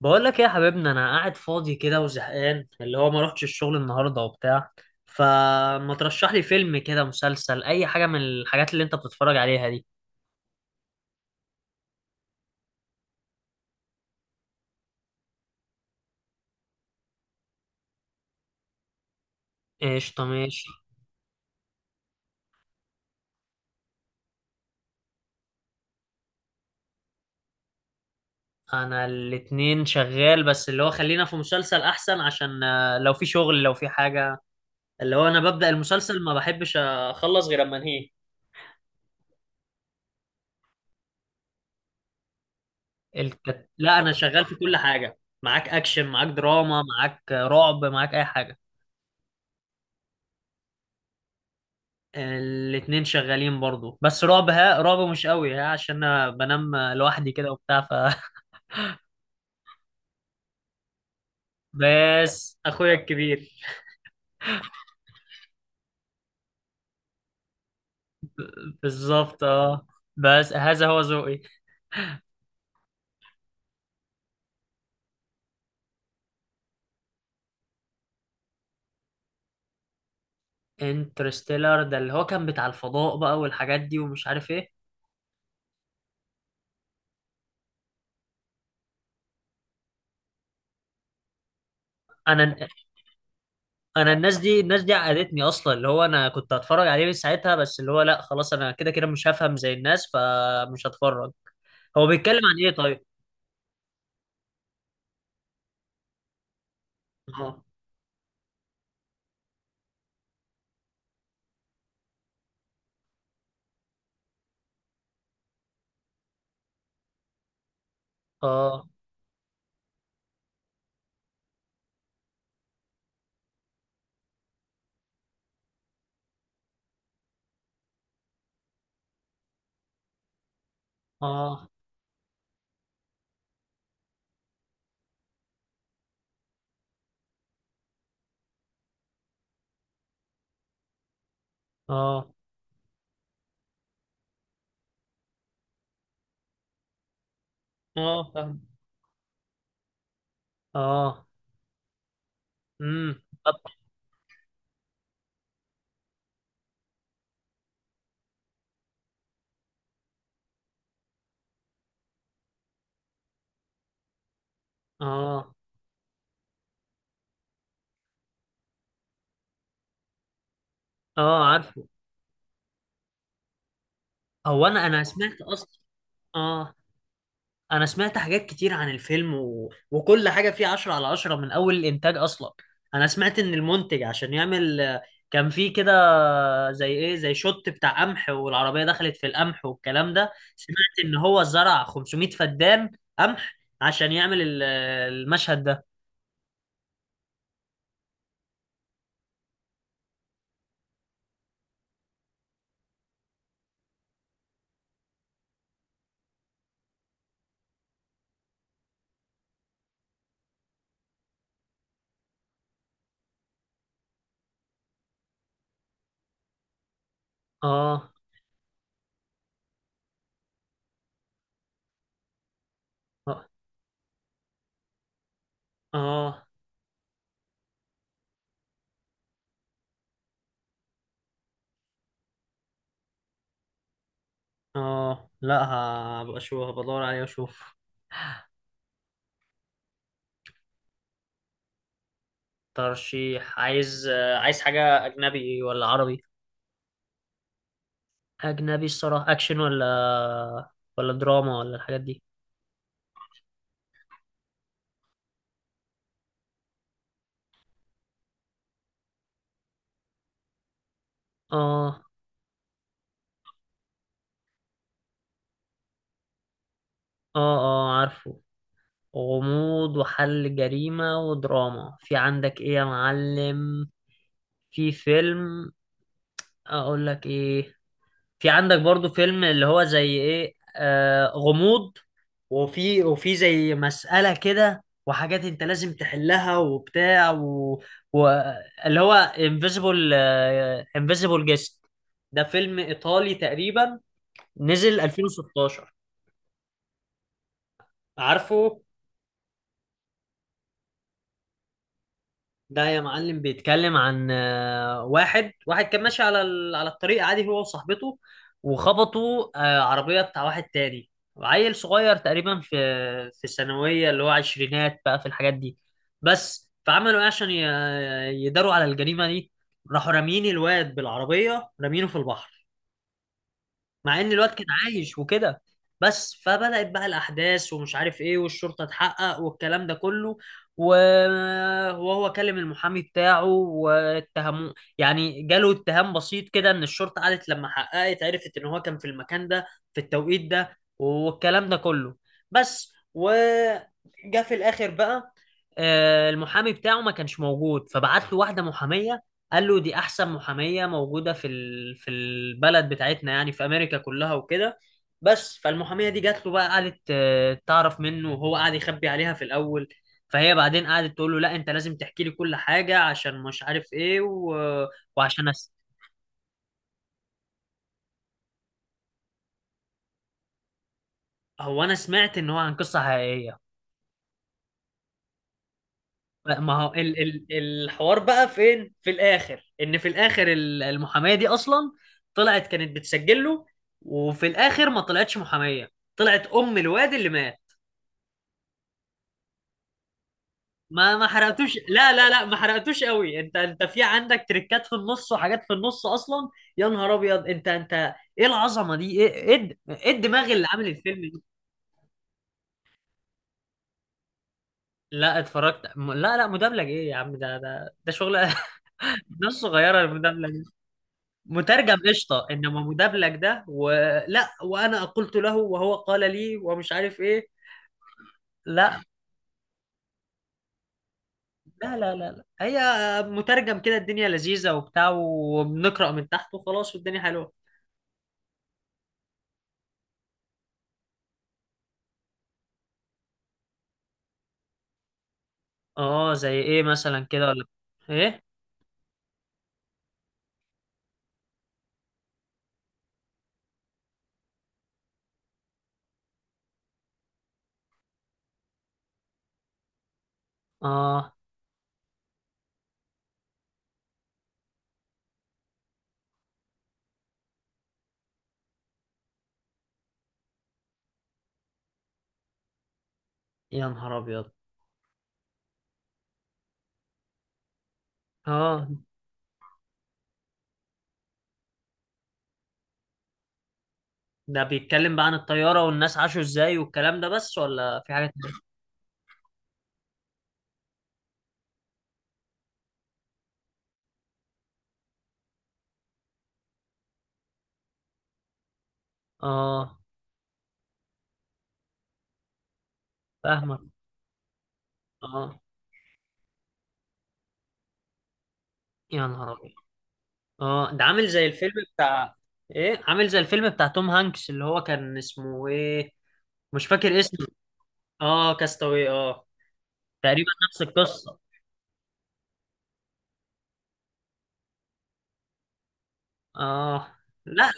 بقول لك ايه يا حبيبنا؟ انا قاعد فاضي كده وزهقان، اللي هو ما روحتش الشغل النهارده وبتاع. فما ترشح لي فيلم كده، مسلسل، اي حاجه من الحاجات اللي انت بتتفرج عليها دي. قشطه، ماشي. انا الاتنين شغال، بس اللي هو خلينا في مسلسل احسن عشان لو في شغل لو في حاجه اللي هو انا ببدأ المسلسل ما بحبش اخلص غير اما انهيه. لا انا شغال في كل حاجه. معاك اكشن، معاك دراما، معاك رعب، معاك اي حاجه. الاتنين شغالين برضو، بس رعب ها، رعب مش قوي ها، عشان انا بنام لوحدي كده وبتاع ف بس اخويا الكبير. بالظبط، اه. بس هذا هو ذوقي. انترستيلر ده اللي هو كان بتاع الفضاء بقى والحاجات دي ومش عارف ايه. انا انا الناس دي، الناس دي عقدتني اصلا، اللي هو انا كنت هتفرج عليه من ساعتها، بس اللي هو لا خلاص انا كده كده مش هفهم زي الناس، فمش هتفرج. هو بيتكلم عن ايه طيب؟ اه. اه. اه. اه. اه، فاهم. اه. طب اه. اه، عارفه. هو انا سمعت اصلا. اه، انا سمعت حاجات كتير عن الفيلم و... وكل حاجه فيه عشرة على عشرة من اول الانتاج اصلا. انا سمعت ان المنتج عشان يعمل كان فيه كده زي ايه، زي شوت بتاع قمح والعربيه دخلت في القمح والكلام ده. سمعت ان هو زرع 500 فدان قمح عشان يعمل المشهد ده. اه. اه. اه. لا هبقى اشوف، هبقى ادور عليه واشوف. ترشيح؟ عايز عايز حاجة أجنبي ولا عربي؟ أجنبي الصراحة، أكشن ولا ولا دراما ولا الحاجات دي؟ آه. آه. آه، عارفه. غموض وحل جريمة ودراما في عندك إيه يا معلم؟ في فيلم، أقول لك إيه، في عندك برضو فيلم اللي هو زي إيه، آه، غموض وفي زي مسألة كده وحاجات انت لازم تحلها وبتاع و... و... اللي هو انفيزيبل، انفيزيبل جيست. ده فيلم ايطالي تقريبا، نزل 2016. عارفه؟ ده يا معلم بيتكلم عن واحد كان ماشي على على الطريق عادي هو وصاحبته، وخبطوا عربية بتاع واحد تاني، عيل صغير تقريبا في في الثانوية، اللي هو عشرينات بقى في الحاجات دي. بس فعملوا ايه عشان يداروا على الجريمة دي؟ راحوا رامين الواد بالعربية، رامينه في البحر، مع ان الواد كان عايش وكده. بس فبدأت بقى الأحداث ومش عارف إيه والشرطة تحقق والكلام ده كله و... وهو كلم المحامي بتاعه واتهموه، يعني جاله اتهام بسيط كده إن الشرطة قعدت لما حققت عرفت إن هو كان في المكان ده في التوقيت ده والكلام ده كله. بس وجا في الآخر بقى المحامي بتاعه ما كانش موجود فبعت له واحدة محامية، قال له دي احسن محاميه موجوده في في البلد بتاعتنا يعني في امريكا كلها وكده. بس فالمحاميه دي جات له بقى، قعدت تعرف منه وهو قعد يخبي عليها في الاول. فهي بعدين قعدت تقول له لا انت لازم تحكي لي كل حاجه عشان مش عارف ايه و... وعشان أس... هو انا سمعت ان هو عن قصه حقيقيه. ما هو الحوار بقى فين في الاخر، ان في الاخر المحاميه دي اصلا طلعت كانت بتسجل له، وفي الاخر ما طلعتش محاميه، طلعت ام الواد اللي مات. ما حرقتوش، لا لا لا، ما حرقتوش قوي، انت انت في عندك تريكات في النص وحاجات في النص اصلا. يا نهار ابيض، انت انت ايه العظمه دي؟ ايه، ايه الدماغ اللي عامل الفيلم دي؟ لا اتفرجت لا لا، مدبلج؟ ايه يا عم، ده ده ده شغل ناس صغيره المدبلج. مترجم قشطه، انما مدبلج ده، ولا وانا قلت له وهو قال لي ومش عارف ايه. لا لا لا لا، لا هي مترجم كده الدنيا لذيذه وبتاع، وبنقرا من تحت وخلاص والدنيا حلوه. اه، زي ايه مثلا كده ولا؟ ايه؟ اه. يا نهار ابيض. اه، ده بيتكلم بقى عن الطيارة والناس عاشوا ازاي والكلام ده بس ولا في حاجة تانية؟ اه، فاهمك. اه. يا نهار ابيض. اه، ده عامل زي الفيلم بتاع، ايه، عامل زي الفيلم بتاع توم هانكس اللي هو كان اسمه ايه؟ مش فاكر اسمه. اه، كاستاوي، اه. تقريبا نفس القصة. اه. لا.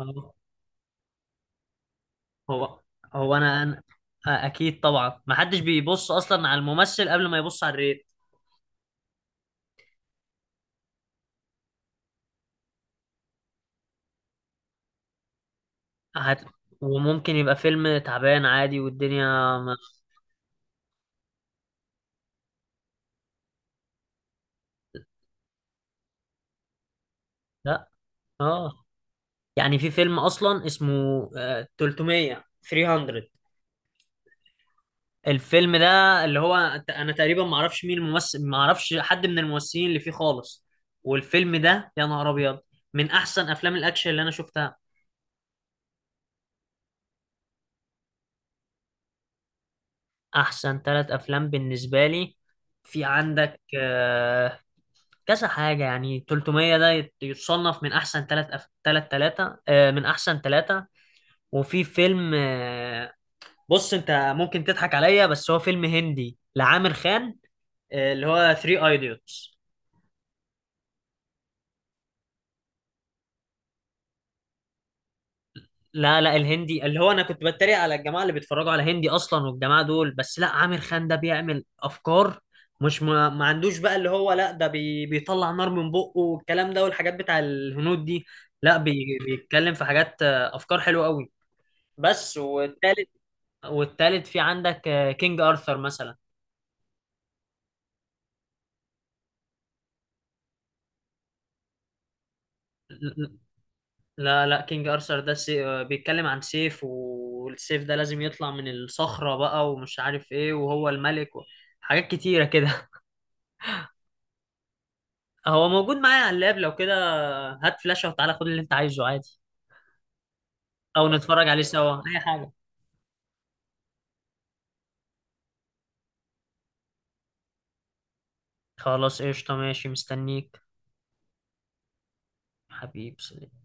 آه. هو هو اكيد طبعا، ما حدش بيبص اصلا على الممثل قبل ما يبص على الريت. هت... وممكن يبقى فيلم تعبان عادي والدنيا ما... لا. اه، يعني في فيلم اصلا اسمه 300. 300 الفيلم ده، اللي هو انا تقريبا ما اعرفش مين الممثل، ما اعرفش حد من الممثلين اللي فيه خالص. والفيلم ده يا نهار ابيض من احسن افلام الاكشن اللي انا شفتها. احسن ثلاث افلام بالنسبه لي، في عندك كذا حاجه يعني. 300 ده يتصنف من احسن ثلاث ثلاثه، من احسن ثلاثه. وفي فيلم بص انت ممكن تضحك عليا، بس هو فيلم هندي لعامر خان، اللي هو 3 ايديوتس. لا لا، الهندي اللي هو انا كنت بتريق على الجماعه اللي بيتفرجوا على هندي اصلا والجماعه دول، بس لا عامر خان ده بيعمل افكار، مش ما عندوش بقى اللي هو لا ده بي بيطلع نار من بقه والكلام ده والحاجات بتاع الهنود دي، لا بي بيتكلم في حاجات افكار حلوه قوي. بس والتالت، والتالت في عندك كينج ارثر مثلا. لا لا، كينج ارثر ده سي... آه، بيتكلم عن سيف، والسيف ده لازم يطلع من الصخرة بقى ومش عارف ايه، وهو الملك و... حاجات كتيرة كده. هو موجود معايا على اللاب، لو كده هات فلاشة وتعالى خد اللي انت عايزه عادي. او نتفرج عليه سوا اي حاجة. خلاص قشطة، ماشي، مستنيك. حبيبي، سلام.